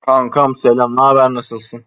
Kankam selam, ne haber nasılsın?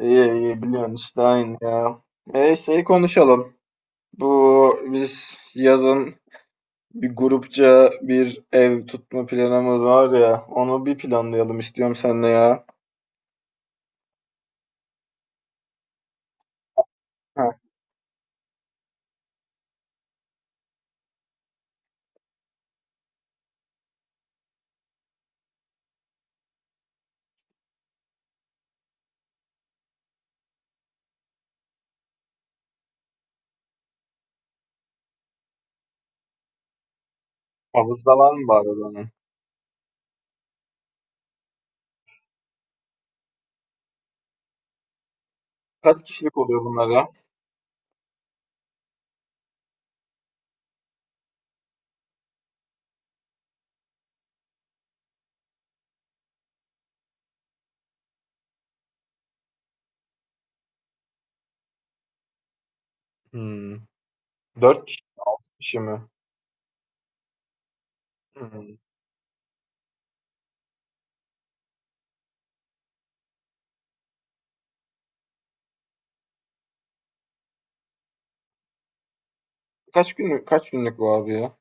İyi iyi biliyorsun işte aynı ya. Şeyi konuşalım. Bu biz yazın bir grupça bir ev tutma planımız var ya. Onu bir planlayalım istiyorum seninle ya. Heh. Havuzda var mı bari onun? Kaç kişilik oluyor bunlar ya? Hmm. Dört kişi mi? Hmm. Kaç günlük bu abi ya?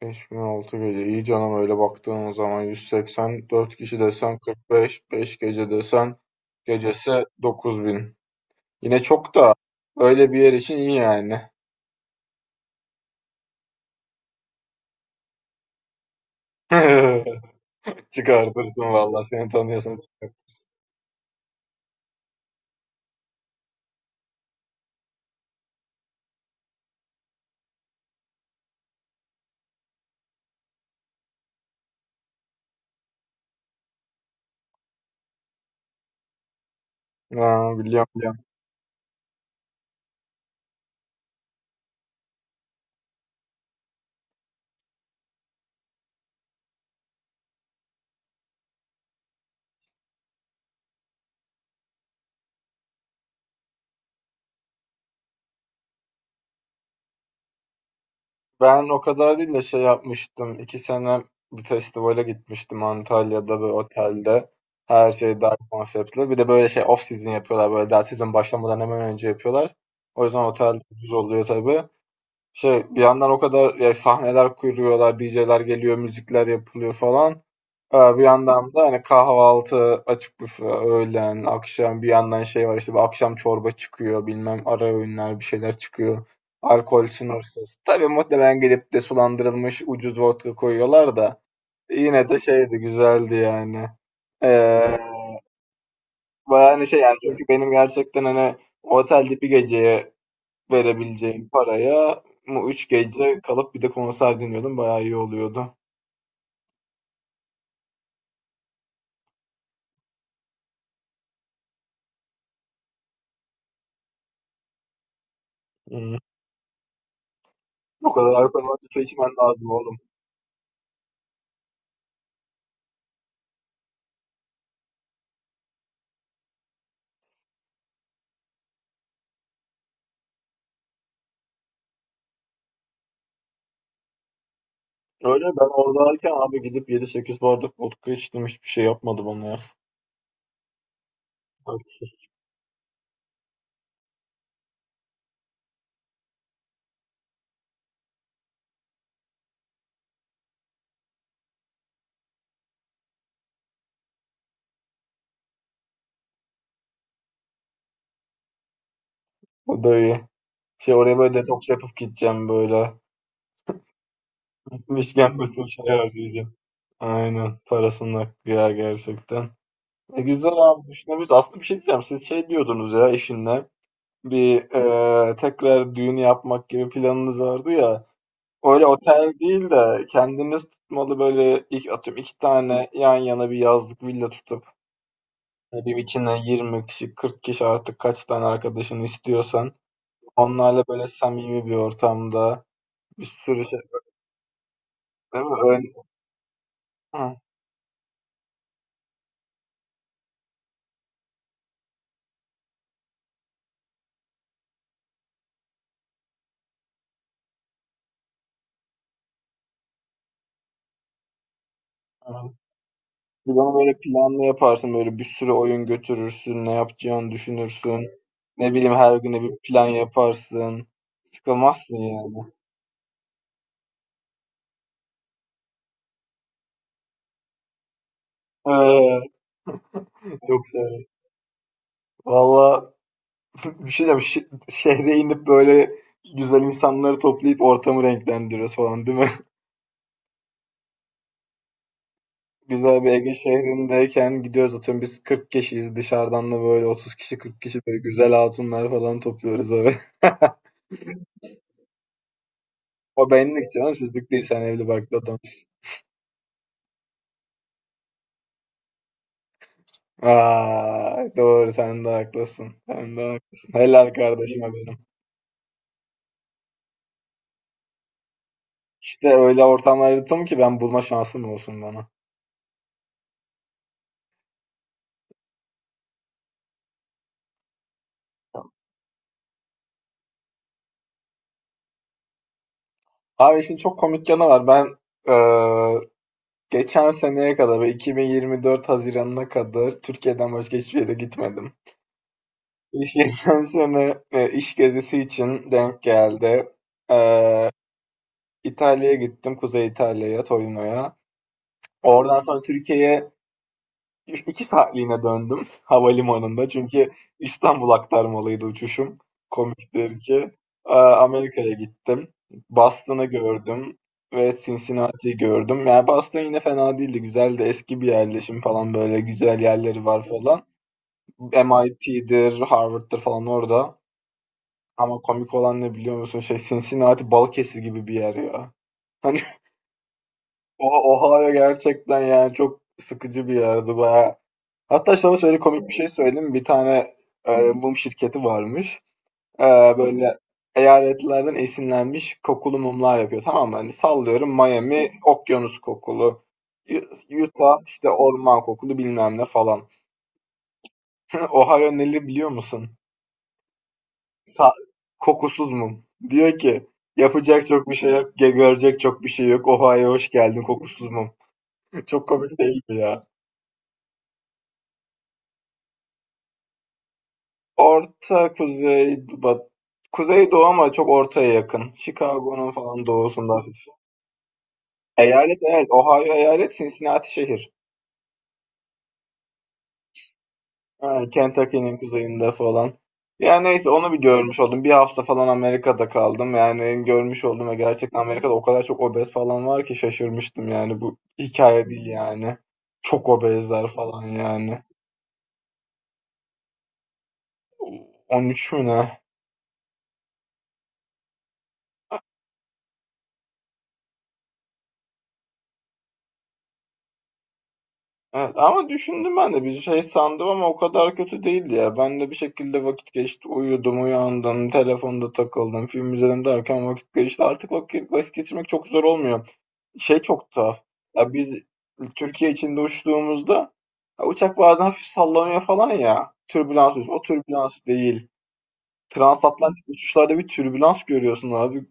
5006 gece. İyi canım öyle baktığın zaman 180, dört kişi desen 45, 5 gece desen gecesi 9000. Yine çok da öyle bir yer için iyi yani. Çıkartırsın valla seni tanıyorsan çıkart. Aa, biliyorum biliyorum. Ben o kadar değil de şey yapmıştım. 2 sene bir festivale gitmiştim Antalya'da bir otelde. Her şey dahil konseptli. Bir de böyle şey off season yapıyorlar. Böyle daha sezon başlamadan hemen önce yapıyorlar. O yüzden otel ucuz oluyor tabii. Şey bir yandan o kadar ya sahneler kuruyorlar, DJ'ler geliyor, müzikler yapılıyor falan. Bir yandan da hani kahvaltı, açık büfe, öğlen, akşam bir yandan şey var işte bir akşam çorba çıkıyor, bilmem ara öğünler bir şeyler çıkıyor. Alkol sınırsız. Tabii muhtemelen gelip de sulandırılmış ucuz vodka koyuyorlar da yine de şeydi güzeldi yani. Ee, Bayağı hani şey yani çünkü benim gerçekten hani otelde bir geceye verebileceğim paraya bu 3 gece kalıp bir de konser dinliyordum. Bayağı iyi oluyordu. Hımm. O kadar alkol vodka içmen lazım oğlum. Öyle ben oradayken abi gidip yedi sekiz bardak vodka içtim. Hiçbir şey yapmadı bana ya. O da iyi. Şey oraya böyle detoks yapıp gideceğim böyle. Gitmişken bütün şeyi harcayacağım. Aynen. Parasını hakkı ya gerçekten. Güzel abi düşünebiliriz. Aslında bir şey diyeceğim. Siz şey diyordunuz ya eşinle. Bir, tekrar düğün yapmak gibi planınız vardı ya. Öyle otel değil de kendiniz tutmalı böyle ilk atıyorum iki tane yan yana bir yazlık villa tutup ne bileyim içine 20 kişi 40 kişi artık kaç tane arkadaşını istiyorsan onlarla böyle samimi bir ortamda bir sürü şey değil mi? Öyle, hı, hı. Bir de onu böyle planlı yaparsın böyle bir sürü oyun götürürsün ne yapacağını düşünürsün ne bileyim her güne bir plan yaparsın sıkılmazsın yani. Ee, Çok severim. Valla, bir şey diyeceğim. Şehre inip böyle güzel insanları toplayıp ortamı renklendiriyoruz falan değil mi? Güzel bir Ege şehrindeyken gidiyoruz atıyorum biz 40 kişiyiz, dışarıdan da böyle 30 kişi 40 kişi böyle güzel hatunlar falan topluyoruz abi. O benlik canım, sizlik değil, sen evli barklı adamsın. Aa, doğru, sen de haklısın. Sen de haklısın. Helal kardeşime benim. İşte öyle ortamlar yarattım ki ben bulma şansım olsun bana. Abi işin çok komik yanı var. Ben geçen seneye kadar ve 2024 haziranına kadar Türkiye'den başka hiçbir yere gitmedim. Geçen sene iş gezisi için denk geldi. Ee, İtalya'ya gittim. Kuzey İtalya'ya, Torino'ya. Oradan sonra Türkiye'ye 2 saatliğine döndüm havalimanında, çünkü İstanbul aktarmalıydı uçuşum. Komiktir ki. Aa, Amerika'ya gittim. Boston'ı gördüm ve Cincinnati'yi gördüm. Yani Boston yine fena değildi. Güzeldi. Eski bir yerleşim falan, böyle güzel yerleri var falan. MIT'dir, Harvard'dır falan orada. Ama komik olan ne biliyor musun? Şey, Cincinnati Balıkesir gibi bir yer ya. Hani o Ohio gerçekten yani çok sıkıcı bir yerdi. Bayağı, hatta sana şöyle komik bir şey söyleyeyim. Bir tane mum şirketi varmış. E, Böyle eyaletlerden esinlenmiş kokulu mumlar yapıyor. Tamam mı? Hani sallıyorum, Miami okyanus kokulu. Utah işte orman kokulu bilmem ne falan. Ohio neli biliyor musun? Sa- Kokusuz mum. Diyor ki yapacak çok bir şey yok. Görecek çok bir şey yok. Ohio'ya hoş geldin, kokusuz mum. Çok komik değil mi ya? Orta kuzey bat Kuzey Doğu, ama çok ortaya yakın. Chicago'nun falan doğusunda hafif. Eyalet, evet. Ohio eyalet, Cincinnati şehir. Ha, Kentucky'nin kuzeyinde falan. Yani neyse, onu bir görmüş oldum. Bir hafta falan Amerika'da kaldım. Yani görmüş oldum ve gerçekten Amerika'da o kadar çok obez falan var ki şaşırmıştım yani. Bu hikaye değil yani. Çok obezler falan yani. 13 mü ne? Evet, ama düşündüm, ben de bir şey sandım ama o kadar kötü değildi ya. Ben de bir şekilde vakit geçti. Uyudum, uyandım, telefonda takıldım, film izledim derken vakit geçti. Artık vakit geçirmek çok zor olmuyor. Şey çok tuhaf. Ya biz Türkiye içinde uçtuğumuzda ya uçak bazen hafif sallanıyor falan ya. Türbülans oluyor. O türbülans değil. Transatlantik uçuşlarda bir türbülans görüyorsun abi.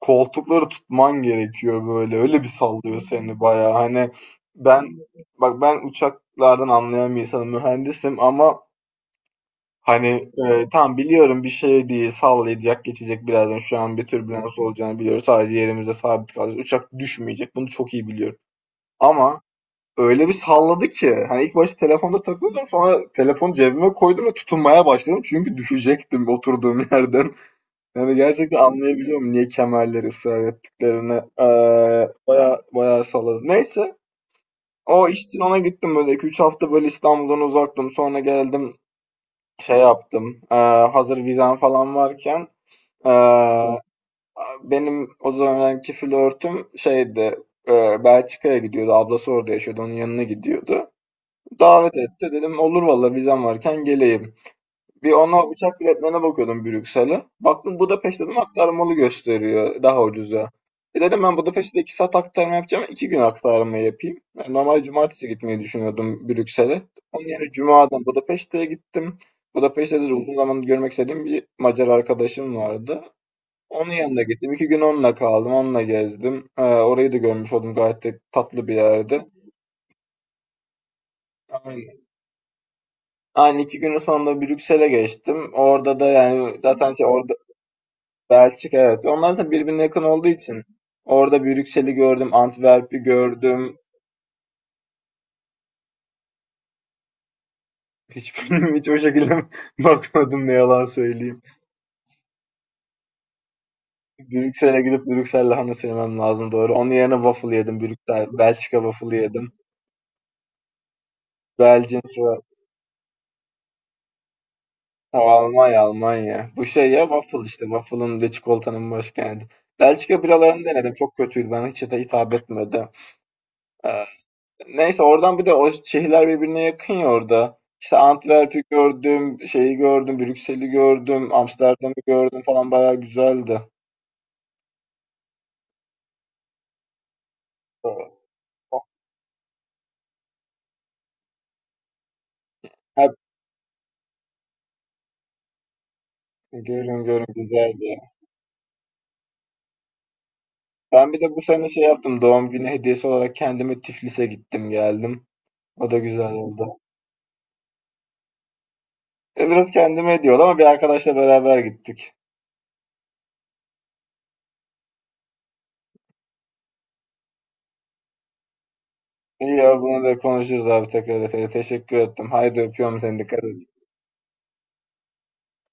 Koltukları tutman gerekiyor böyle, öyle bir sallıyor seni bayağı. Hani ben, bak, ben uçaklardan anlayan bir insanım, mühendisim, ama hani, tamam biliyorum bir şey değil, sallayacak, geçecek birazdan. Şu an bir türbülans olacağını biliyoruz. Sadece yerimize sabit kalacağız. Uçak düşmeyecek. Bunu çok iyi biliyorum. Ama öyle bir salladı ki hani ilk başta telefonda takılıyordum. Sonra telefonu cebime koydum ve tutunmaya başladım. Çünkü düşecektim oturduğum yerden. Yani gerçekten anlayabiliyorum niye kemerleri ısrar ettiklerini. Baya baya salladım. Neyse, o iş için ona gittim, böyle 2 üç hafta böyle İstanbul'dan uzaktım. Sonra geldim, şey yaptım. Hazır vizem falan varken ee, benim o zamanki flörtüm şeydi, Belçika'ya gidiyordu. Ablası orada yaşıyordu. Onun yanına gidiyordu. Davet etti. Dedim olur valla, vizem varken geleyim. Bir ona uçak biletlerine bakıyordum, Brüksel'e. Baktım Budapeşte, dedim aktarmalı gösteriyor daha ucuza. E dedim ben Budapeşte'de 2 saat aktarma yapacağım. 2 gün aktarma yapayım. Yani normal cumartesi gitmeyi düşünüyordum Brüksel'e. Onun yerine Cuma'dan Budapeşte'ye gittim. Budapeşte'de de uzun zamandır görmek istediğim bir Macar arkadaşım vardı. Onun yanına gittim. 2 gün onunla kaldım. Onunla gezdim. Orayı da görmüş oldum. Gayet de tatlı bir yerdi. Aynen. Aynı 2 günün sonunda Brüksel'e geçtim. Orada da yani zaten şey, orada Belçika, evet. Onlar da birbirine yakın olduğu için orada Brüksel'i gördüm, Antwerp'i gördüm. Hiçbirini hiç o şekilde bakmadım, ne yalan söyleyeyim. Brüksel'e gidip Brüksel lahanası yemem lazım, doğru. Onun yerine waffle yedim. Brüksel, Belçika waffle yedim. Belçika, ha, Almanya, Almanya. Bu şey ya, waffle işte. Waffle'ın ve çikolatanın başkenti. Belçika biralarını denedim. Çok kötüydü. Bana hiç de hitap etmedi. Ee, Neyse, oradan bir de o şehirler birbirine yakın ya orada. İşte Antwerp'i gördüm, şeyi gördüm, Brüksel'i gördüm, Amsterdam'ı gördüm falan, bayağı güzeldi. Hep görün görün güzeldi. Ben bir de bu sene şey yaptım, doğum günü hediyesi olarak kendime Tiflis'e gittim geldim. O da güzel oldu. Biraz kendime hediye oldu ama bir arkadaşla beraber gittik. İyi ya, bunu da konuşuruz abi, tekrar detaylı. Teşekkür ettim. Haydi öpüyorum seni, dikkat et.